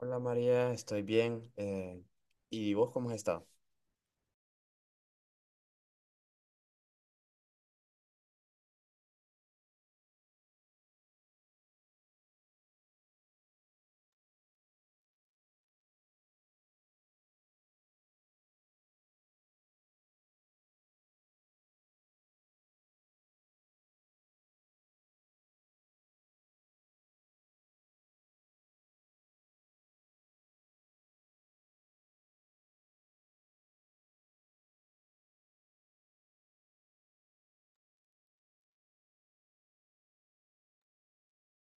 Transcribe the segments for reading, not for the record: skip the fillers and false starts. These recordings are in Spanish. Hola María, estoy bien. ¿Y vos cómo has estado?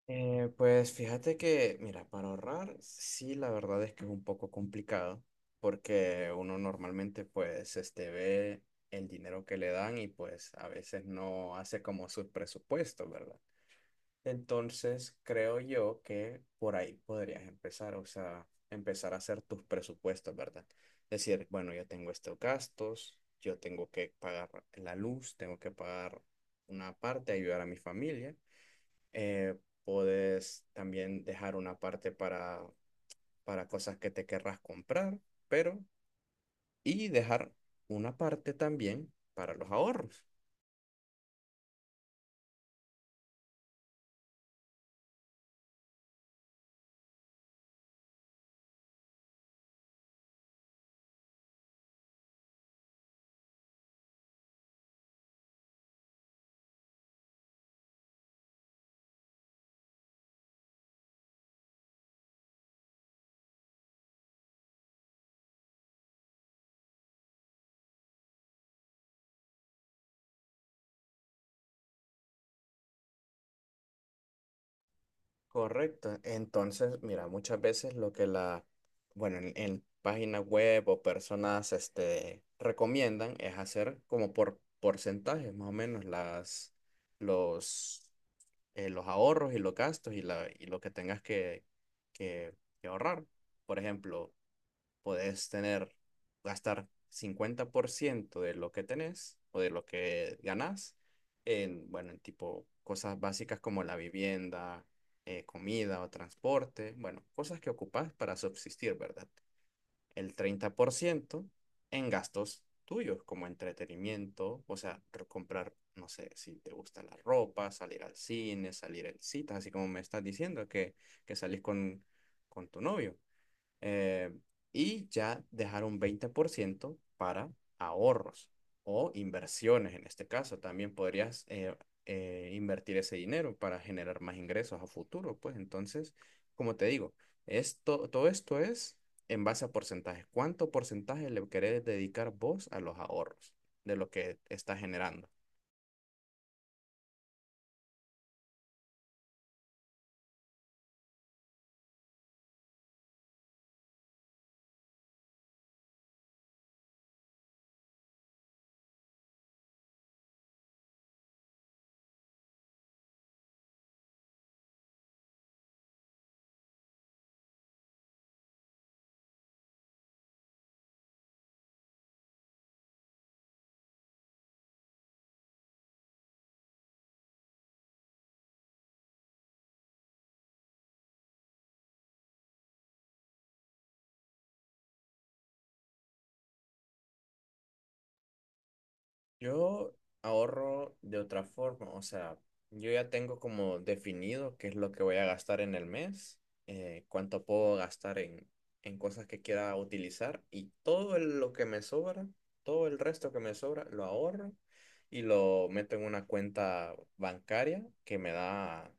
Pues fíjate que, mira, para ahorrar, sí, la verdad es que es un poco complicado porque uno normalmente pues este ve el dinero que le dan y pues a veces no hace como sus presupuestos, ¿verdad? Entonces, creo yo que por ahí podrías empezar, o sea, empezar a hacer tus presupuestos, ¿verdad? Decir, bueno, yo tengo estos gastos, yo tengo que pagar la luz, tengo que pagar una parte, ayudar a mi familia. Eh, Puedes también dejar una parte para cosas que te querrás comprar, pero, y dejar una parte también para los ahorros. Correcto. Entonces, mira, muchas veces lo que la, bueno, en páginas web o personas, este, recomiendan es hacer como por porcentajes, más o menos, las, los, los ahorros y los gastos y la, y lo que tengas que, que ahorrar. Por ejemplo, podés tener, gastar 50% de lo que tenés o de lo que ganás en, bueno, en tipo cosas básicas como la vivienda, comida o transporte, bueno, cosas que ocupás para subsistir, ¿verdad? El 30% en gastos tuyos como entretenimiento, o sea, comprar, no sé, si te gusta la ropa, salir al cine, salir en citas, así como me estás diciendo que salís con tu novio eh, y ya dejar un 20% para ahorros o inversiones en este caso. También podrías invertir ese dinero para generar más ingresos a futuro. Pues entonces, como te digo, esto, todo esto es en base a porcentajes. ¿Cuánto porcentaje le querés dedicar vos a los ahorros de lo que estás generando? Yo ahorro de otra forma, o sea, yo ya tengo como definido qué es lo que voy a gastar en el mes, cuánto puedo gastar en cosas que quiera utilizar y todo lo que me sobra, todo el resto que me sobra, lo ahorro y lo meto en una cuenta bancaria que me da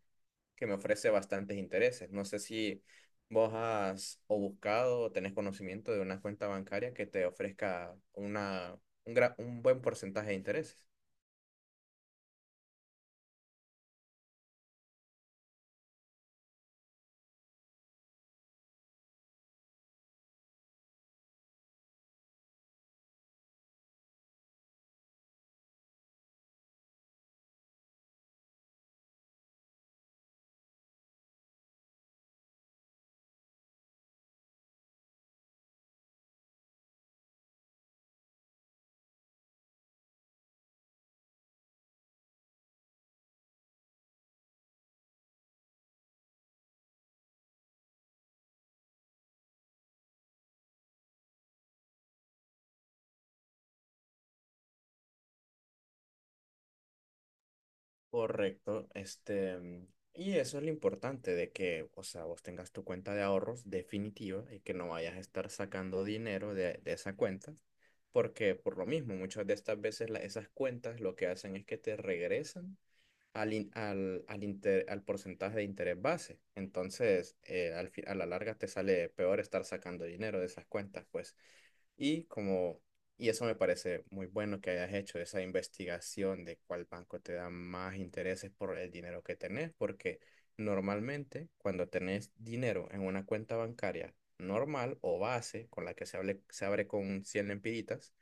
que me ofrece bastantes intereses. No sé si vos has o buscado o tenés conocimiento de una cuenta bancaria que te ofrezca una, un, un buen porcentaje de intereses. Correcto, este, y eso es lo importante de que, o sea, vos tengas tu cuenta de ahorros definitiva y que no vayas a estar sacando dinero de esa cuenta, porque por lo mismo, muchas de estas veces esas cuentas lo que hacen es que te regresan al, al porcentaje de interés base. Entonces, al a la larga te sale peor estar sacando dinero de esas cuentas, pues. Y como, y eso me parece muy bueno que hayas hecho esa investigación de cuál banco te da más intereses por el dinero que tenés, porque normalmente cuando tenés dinero en una cuenta bancaria normal o base, con la que se, se abre con 100 lempiritas,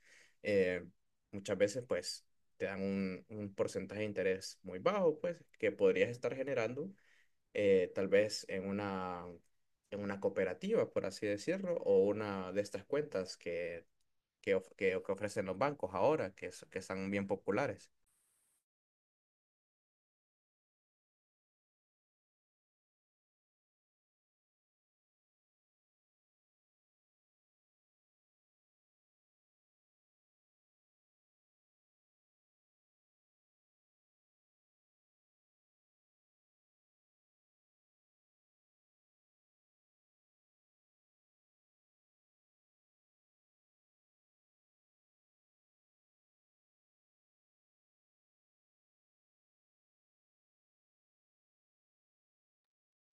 eh, muchas veces pues te dan un porcentaje de interés muy bajo, pues, que podrías estar generando tal vez en una cooperativa, por así decirlo, o una de estas cuentas que, que ofrecen los bancos ahora, que, que están bien populares.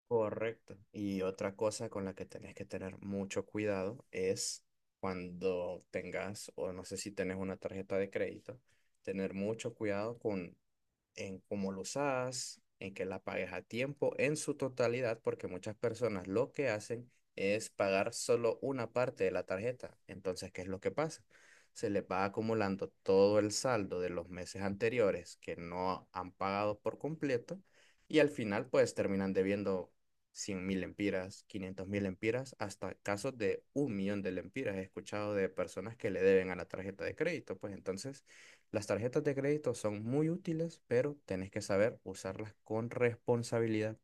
Correcto. Y otra cosa con la que tenés que tener mucho cuidado es cuando tengas, o no sé si tenés una tarjeta de crédito, tener mucho cuidado con en cómo lo usas, en que la pagues a tiempo, en su totalidad, porque muchas personas lo que hacen es pagar solo una parte de la tarjeta. Entonces, ¿qué es lo que pasa? Se les va acumulando todo el saldo de los meses anteriores que no han pagado por completo y al final pues terminan debiendo 100.000 empiras, 500.000 empiras, hasta casos de 1.000.000 de lempiras. He escuchado de personas que le deben a la tarjeta de crédito, pues entonces las tarjetas de crédito son muy útiles, pero tenés que saber usarlas con responsabilidad.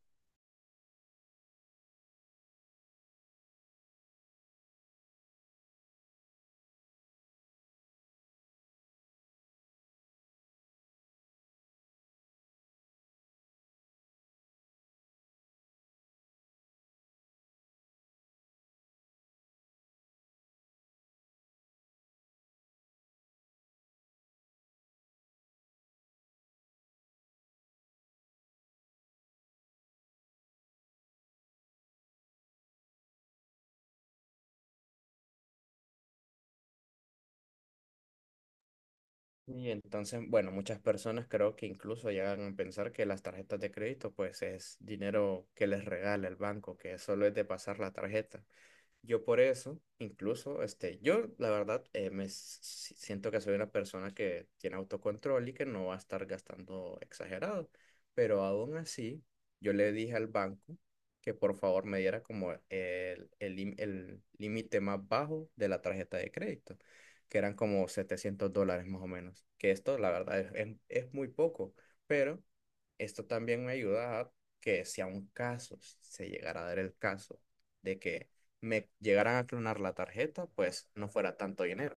Y entonces, bueno, muchas personas creo que incluso llegan a pensar que las tarjetas de crédito pues es dinero que les regala el banco, que solo es de pasar la tarjeta. Yo por eso, incluso, este, yo la verdad siento que soy una persona que tiene autocontrol y que no va a estar gastando exagerado, pero aún así yo le dije al banco que por favor me diera como el, el límite más bajo de la tarjeta de crédito, que eran como $700 más o menos, que esto la verdad es es muy poco, pero esto también me ayuda a que si a un caso se llegara a dar el caso de que me llegaran a clonar la tarjeta, pues no fuera tanto dinero.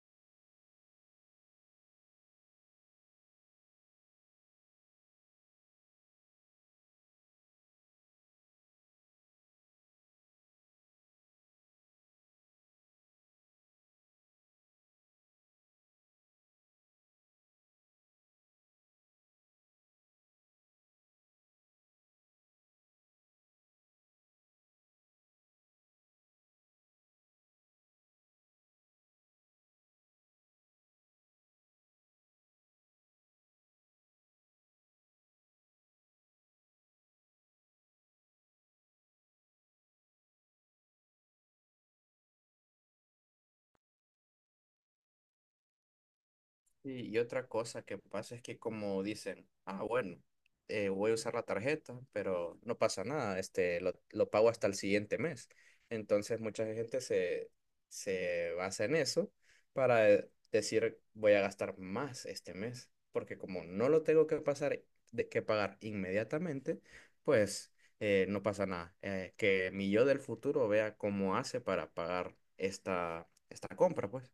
Sí, y otra cosa que pasa es que como dicen, ah, bueno, voy a usar la tarjeta, pero no pasa nada, este, lo pago hasta el siguiente mes. Entonces mucha gente se, se basa en eso para decir, voy a gastar más este mes, porque como no lo tengo que pasar, de, que pagar inmediatamente, pues no pasa nada. Que mi yo del futuro vea cómo hace para pagar esta, esta compra, pues.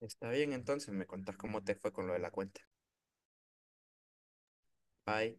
Está bien, entonces me contás cómo te fue con lo de la cuenta. Bye.